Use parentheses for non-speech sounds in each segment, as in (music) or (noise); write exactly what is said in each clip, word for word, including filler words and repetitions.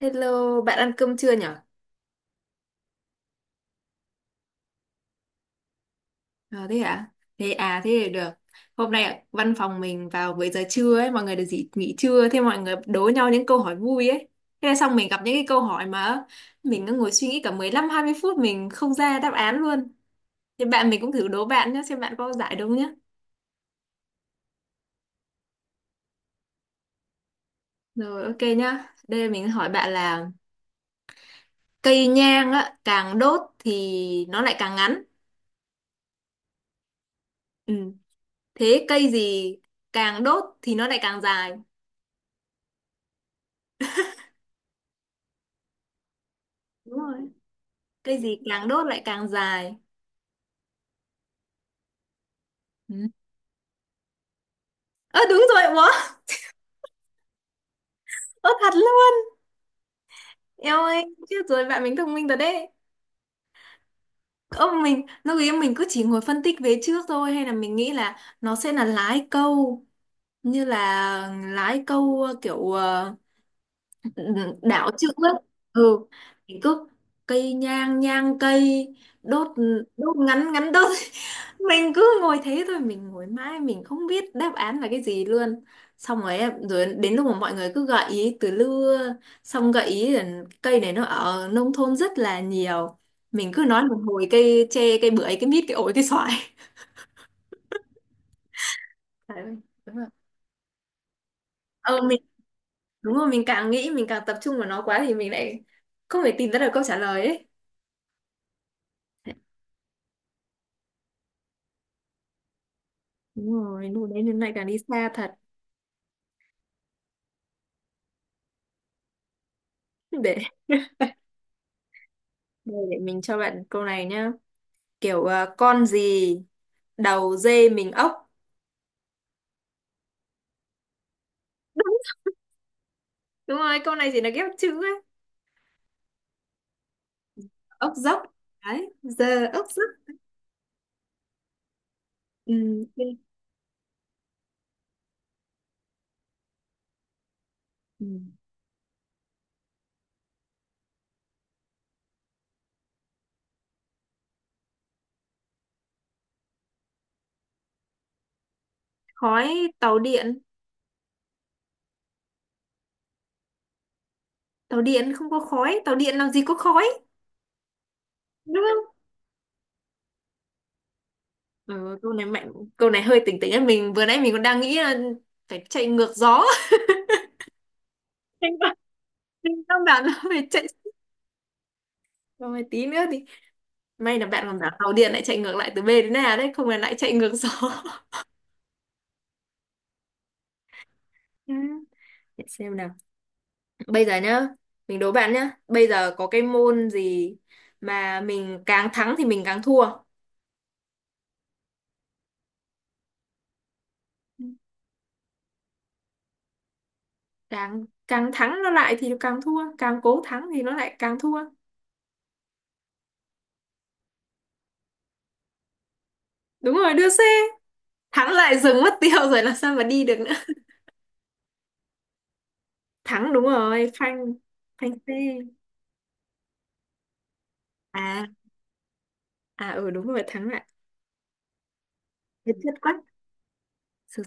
Hello, bạn ăn cơm chưa nhở? Ờ thế hả? Thế à, thế thì được. Hôm nay văn phòng mình vào với giờ trưa ấy, mọi người được nghỉ, nghỉ trưa, thế mọi người đố nhau những câu hỏi vui ấy. Thế là xong mình gặp những cái câu hỏi mà mình cứ ngồi suy nghĩ cả mười lăm hai mươi phút mình không ra đáp án luôn. Thì bạn mình cũng thử đố bạn nhé, xem bạn có giải đúng nhé. Rồi ok nhá. Đây mình hỏi bạn là cây nhang á, càng đốt thì nó lại càng ngắn. Ừ. Thế cây gì càng đốt thì nó lại càng dài? Đúng rồi. Cây gì càng đốt lại càng dài, ừ. Ơ đúng rồi, ủa, ơ thật luôn, eo ơi, chết rồi, bạn mình thông minh rồi đấy. Ơ mình lúc ấy mình cứ chỉ ngồi phân tích về trước thôi, hay là mình nghĩ là nó sẽ là lái câu, như là lái câu, ờ, kiểu ờ, ừ, đảo chữ ấy. Ừ thì cứ cây nhang nhang cây, đốt đốt ngắn ngắn đốt (laughs) mình cứ ngồi thế thôi, mình ngồi mãi mình không biết đáp án là cái gì luôn. Xong rồi em- rồi đến lúc mà mọi người cứ gợi ý từ lưa, xong gợi ý là cây này nó ở nông thôn rất là nhiều, mình cứ nói một hồi cây tre, cây bưởi, cây mít, cây ổi, cây xoài. Đấy, đúng rồi. Ờ, mình đúng rồi, mình càng nghĩ mình càng tập trung vào nó quá thì mình lại không thể tìm ra được câu trả lời ấy. Đúng rồi, lúc đấy mình lại càng đi xa thật. (laughs) Để để, để mình cho bạn câu này nhá. Kiểu à, con gì đầu dê mình ốc. Đúng, đúng rồi, câu này chỉ là ghép chữ ấy. Ốc dốc. Đấy, giờ ốc dốc. Ừ, ok. Ừ. Khói tàu điện. Tàu điện không có khói, tàu điện làm gì có khói. Đúng không? Ừ, câu này mạnh, câu này hơi tỉnh tỉnh ấy. Mình vừa nãy mình còn đang nghĩ là phải chạy ngược gió. (laughs) Thành ra thành ra bạn (laughs) phải chạy. Rồi tí nữa thì may là bạn còn bảo tàu điện lại chạy ngược lại từ B đến A đấy, không là lại chạy ngược gió. (laughs) Ừ. Để xem nào. Bây giờ nhá, mình đố bạn nhá. Bây giờ có cái môn gì mà mình càng thắng thì mình càng thua. Càng càng thắng nó lại thì càng thua, càng cố thắng thì nó lại càng thua. Đúng rồi, đưa xe. Thắng lại dừng mất tiêu rồi làm sao mà đi được nữa. Thắng đúng rồi, phanh phanh xe. À, à ừ đúng rồi, thắng lại. Thật chất quá. Sự-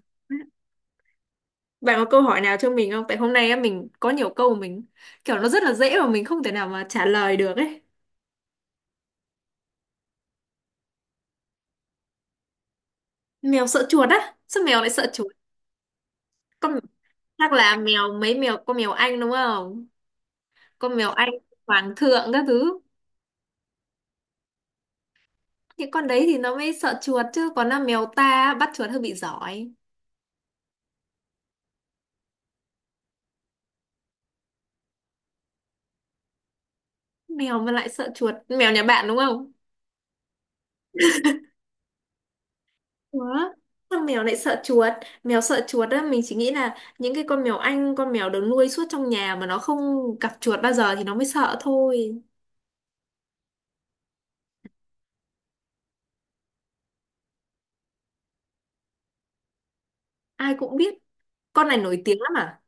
Bạn có câu hỏi nào cho mình không? Tại hôm nay á mình có nhiều câu mình kiểu nó rất là dễ mà mình không thể nào mà trả lời được ấy. Mèo sợ chuột á? Sao mèo lại sợ chuột? Con, chắc là mèo, mấy mèo con, mèo Anh đúng không? Con mèo Anh hoàng thượng các thứ. Những con đấy thì nó mới sợ chuột, chứ còn là mèo ta á, bắt chuột hơi bị giỏi. Mèo mà lại sợ chuột, mèo nhà bạn đúng không? Ủa? Sao mèo lại sợ chuột? Mèo sợ chuột á, mình chỉ nghĩ là những cái con mèo Anh, con mèo được nuôi suốt trong nhà mà nó không gặp chuột bao giờ thì nó mới sợ thôi. Ai cũng biết, con này nổi tiếng lắm à?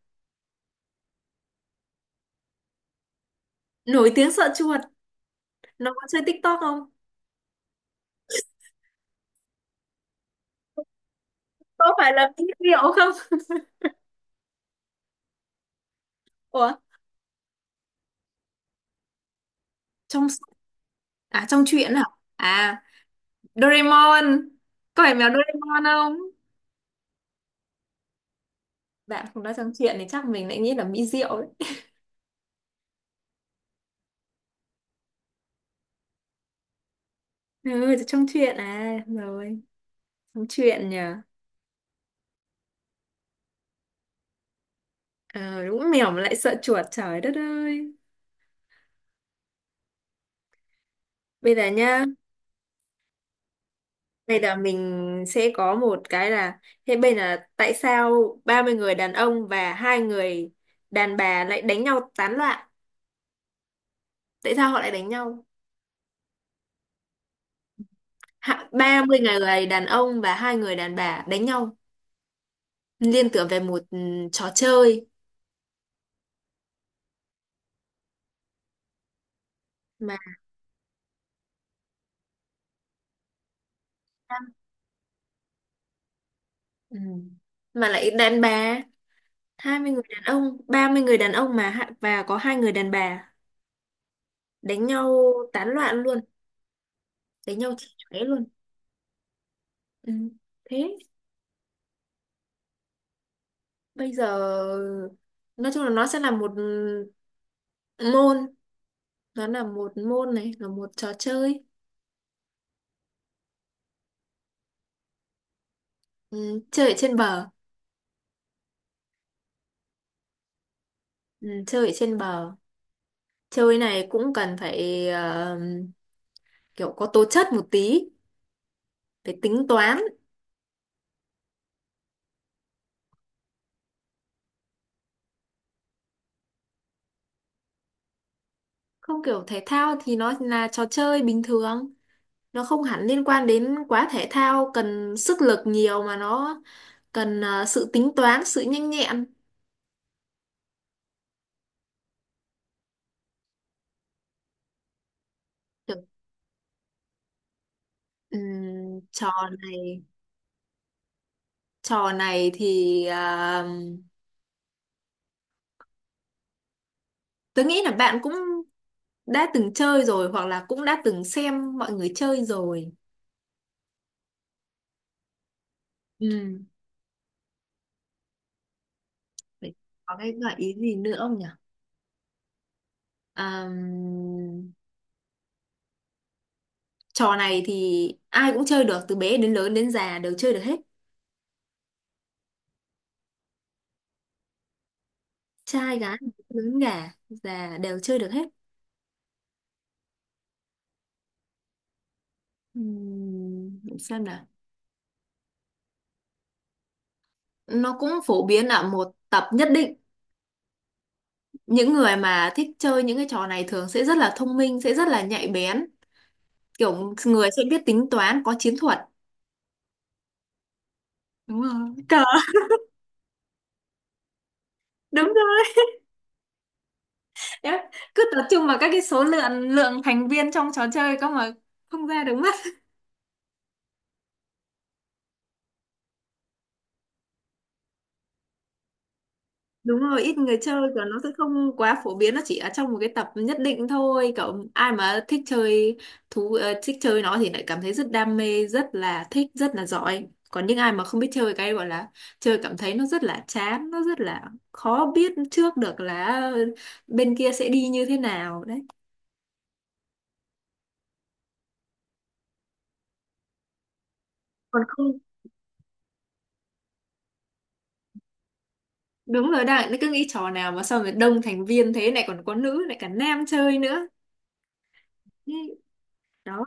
Nổi tiếng sợ chuột, nó có chơi TikTok không? Có phải là mỹ liệu không? Ủa, trong sách- à trong truyện hả? À, Doraemon, có phải mèo Doraemon không? Bạn không nói trong truyện thì chắc mình lại nghĩ là mỹ diệu đấy. Ừ, trong truyện à, rồi, trong truyện nhờ. Ờ đúng, mèo mà lại sợ chuột, trời đất ơi. Bây giờ nhá, đây là mình sẽ có một cái là thế bên là, tại sao ba mươi người đàn ông và hai người đàn bà lại đánh nhau tán loạn? Tại sao họ lại đánh nhau? Hạ- ba mươi người đàn ông và hai người đàn bà đánh nhau, liên tưởng về một, ừ, trò chơi mà, ừ, mà lại đàn bà, hai mươi người đàn ông, ba mươi người đàn ông mà hạ- và có hai người đàn bà, đánh nhau tán loạn luôn, đánh nhau chửi chóe luôn. Ừ, thế bây giờ nói chung là nó sẽ là một môn, nó là một môn, này là một trò chơi. Ừ, chơi ở trên bờ. Ừ, chơi ở trên bờ, chơi này cũng cần phải, ờ, kiểu có tố chất một tí, phải tính toán. Không, kiểu thể thao thì nó là trò chơi bình thường, nó không hẳn liên quan đến quá thể thao cần sức lực nhiều mà nó cần, ờ, sự tính toán, sự nhanh nhẹn. Kiểu, ừm, trò này trò này thì ờ, tớ nghĩ là bạn cũng đã từng chơi rồi, hoặc là cũng đã từng xem mọi người chơi rồi. Ừ. Vậy, có cái gợi ý gì nữa không nhỉ? À, trò này thì ai cũng chơi được, từ bé đến lớn đến già đều chơi được hết. Trai gái lớn già già đều chơi được hết. Ừm, để xem nào. Nó cũng phổ biến ở một tập nhất định. Những người mà thích chơi những cái trò này thường sẽ rất là thông minh, sẽ rất là nhạy bén, kiểu người sẽ biết tính toán, có chiến thuật. Đúng rồi. Cờ, đúng rồi. Đấy, cứ tập trung vào các cái số lượng lượng thành viên trong trò chơi cơ mà không ra được mất. Đúng rồi, ít người chơi và nó sẽ không quá phổ biến, nó chỉ ở trong một cái tập nhất định thôi, cậu ai mà thích chơi thú, ờ, thích chơi nó thì lại cảm thấy rất đam mê, rất là thích, rất là giỏi, còn những ai mà không biết chơi, cái gọi là chơi, cảm thấy nó rất là chán, nó rất là khó biết trước được là bên kia sẽ đi như thế nào đấy. Còn không, đúng rồi đấy, nó cứ nghĩ trò nào mà sao mà đông thành viên thế này, còn có nữ lại cả nam chơi nữa. Ý, đó.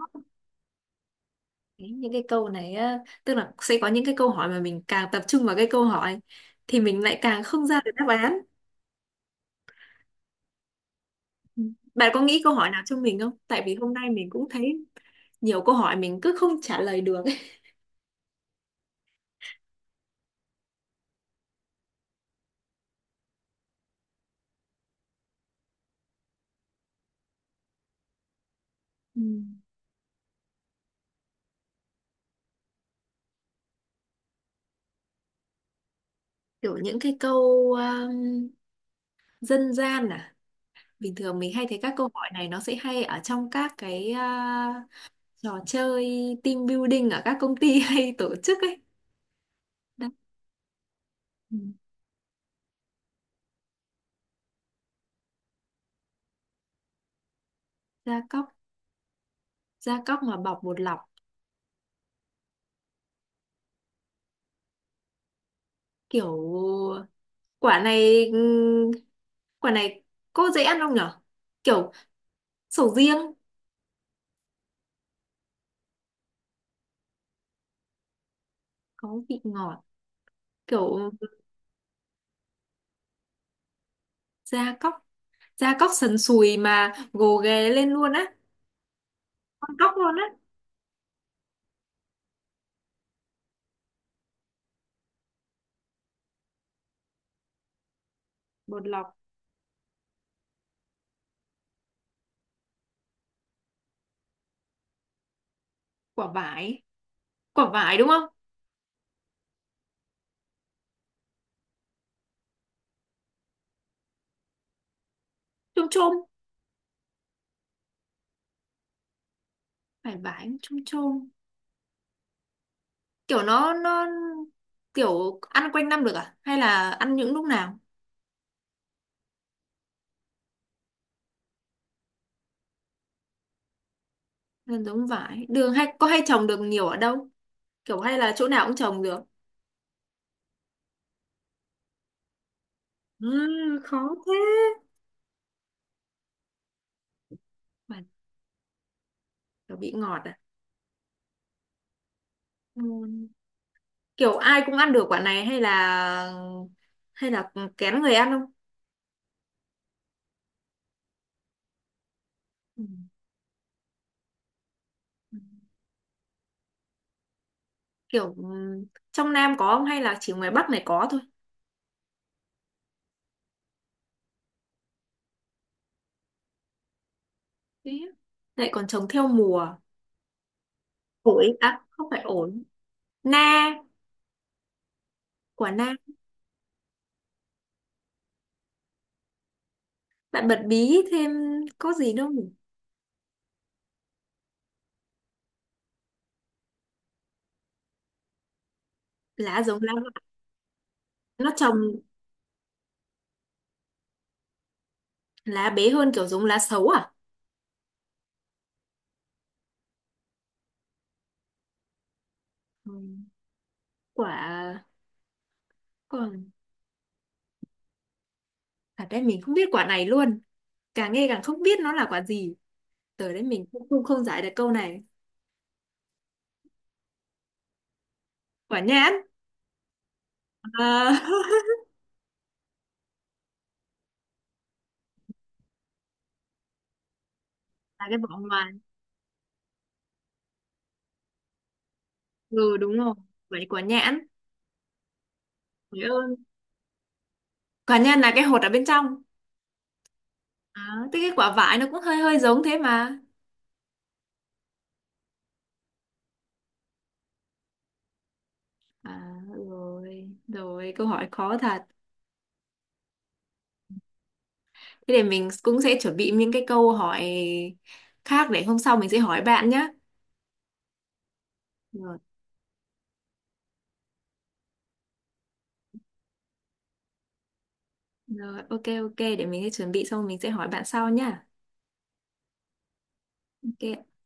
Ý, những cái câu này á, tức là sẽ có những cái câu hỏi mà mình càng tập trung vào cái câu hỏi thì mình lại càng không ra được đáp án. Bạn có nghĩ câu hỏi nào cho mình không, tại vì hôm nay mình cũng thấy nhiều câu hỏi mình cứ không trả lời được ấy. Ừ. Kiểu những cái câu um, dân gian à, bình thường mình hay thấy các câu hỏi này nó sẽ hay ở trong các cái, à, trò chơi team building ở các công ty (laughs) hay tổ chức ấy. Đấy, ừ. Gia cóc, gia cóc mà bọc bột lọc, kiểu quả này, ừm, quả này có dễ ăn không nhở, kiểu sầu riêng. Có vị ngọt, kiểu, gia cóc, gia cóc sần sùi mà gồ ghề lên luôn á, con cóc luôn á. Bột lọc, quả vải, quả vải đúng không? Chôm chôm, phải vải chôm chôm, kiểu nó nó kiểu ăn quanh năm được à hay là ăn những lúc nào? Là giống vải đường hay có, hay trồng được nhiều ở đâu, kiểu hay là chỗ nào cũng trồng được. À, khó thế. Quả, quả bị ngọt à? Ừ. Kiểu ai cũng ăn được quả này hay là, hay là kén người ăn không? Ừ. Kiểu ừ, trong Nam có không hay là chỉ ngoài Bắc này có thôi? Thế á. Lại còn trồng theo mùa. Ổi à, không phải ổi, na, quả na. Bạn bật bí thêm, có gì đâu nhỉ? Lá giống lá vả. Nó trồng, lá bé hơn kiểu giống lá xấu à? Ừ. Quả, còn, thật đấy mình không biết quả này luôn. Càng nghe càng không biết nó là quả gì, tới đấy mình cũng không không giải được câu này. Quả nhãn, à, (laughs) là cái vỏ ngoài. Ừ đúng rồi, vậy quả nhãn. Trời ơi, quả nhãn là cái hột ở bên trong. À, thế cái quả vải nó cũng hơi hơi giống thế mà. À, rồi rồi, câu hỏi khó thật. Thế để mình cũng sẽ chuẩn bị những cái câu hỏi khác để hôm sau mình sẽ hỏi bạn nhé. Rồi, rồi ok, ok để mình sẽ chuẩn bị xong mình sẽ hỏi bạn sau nhá. Ok.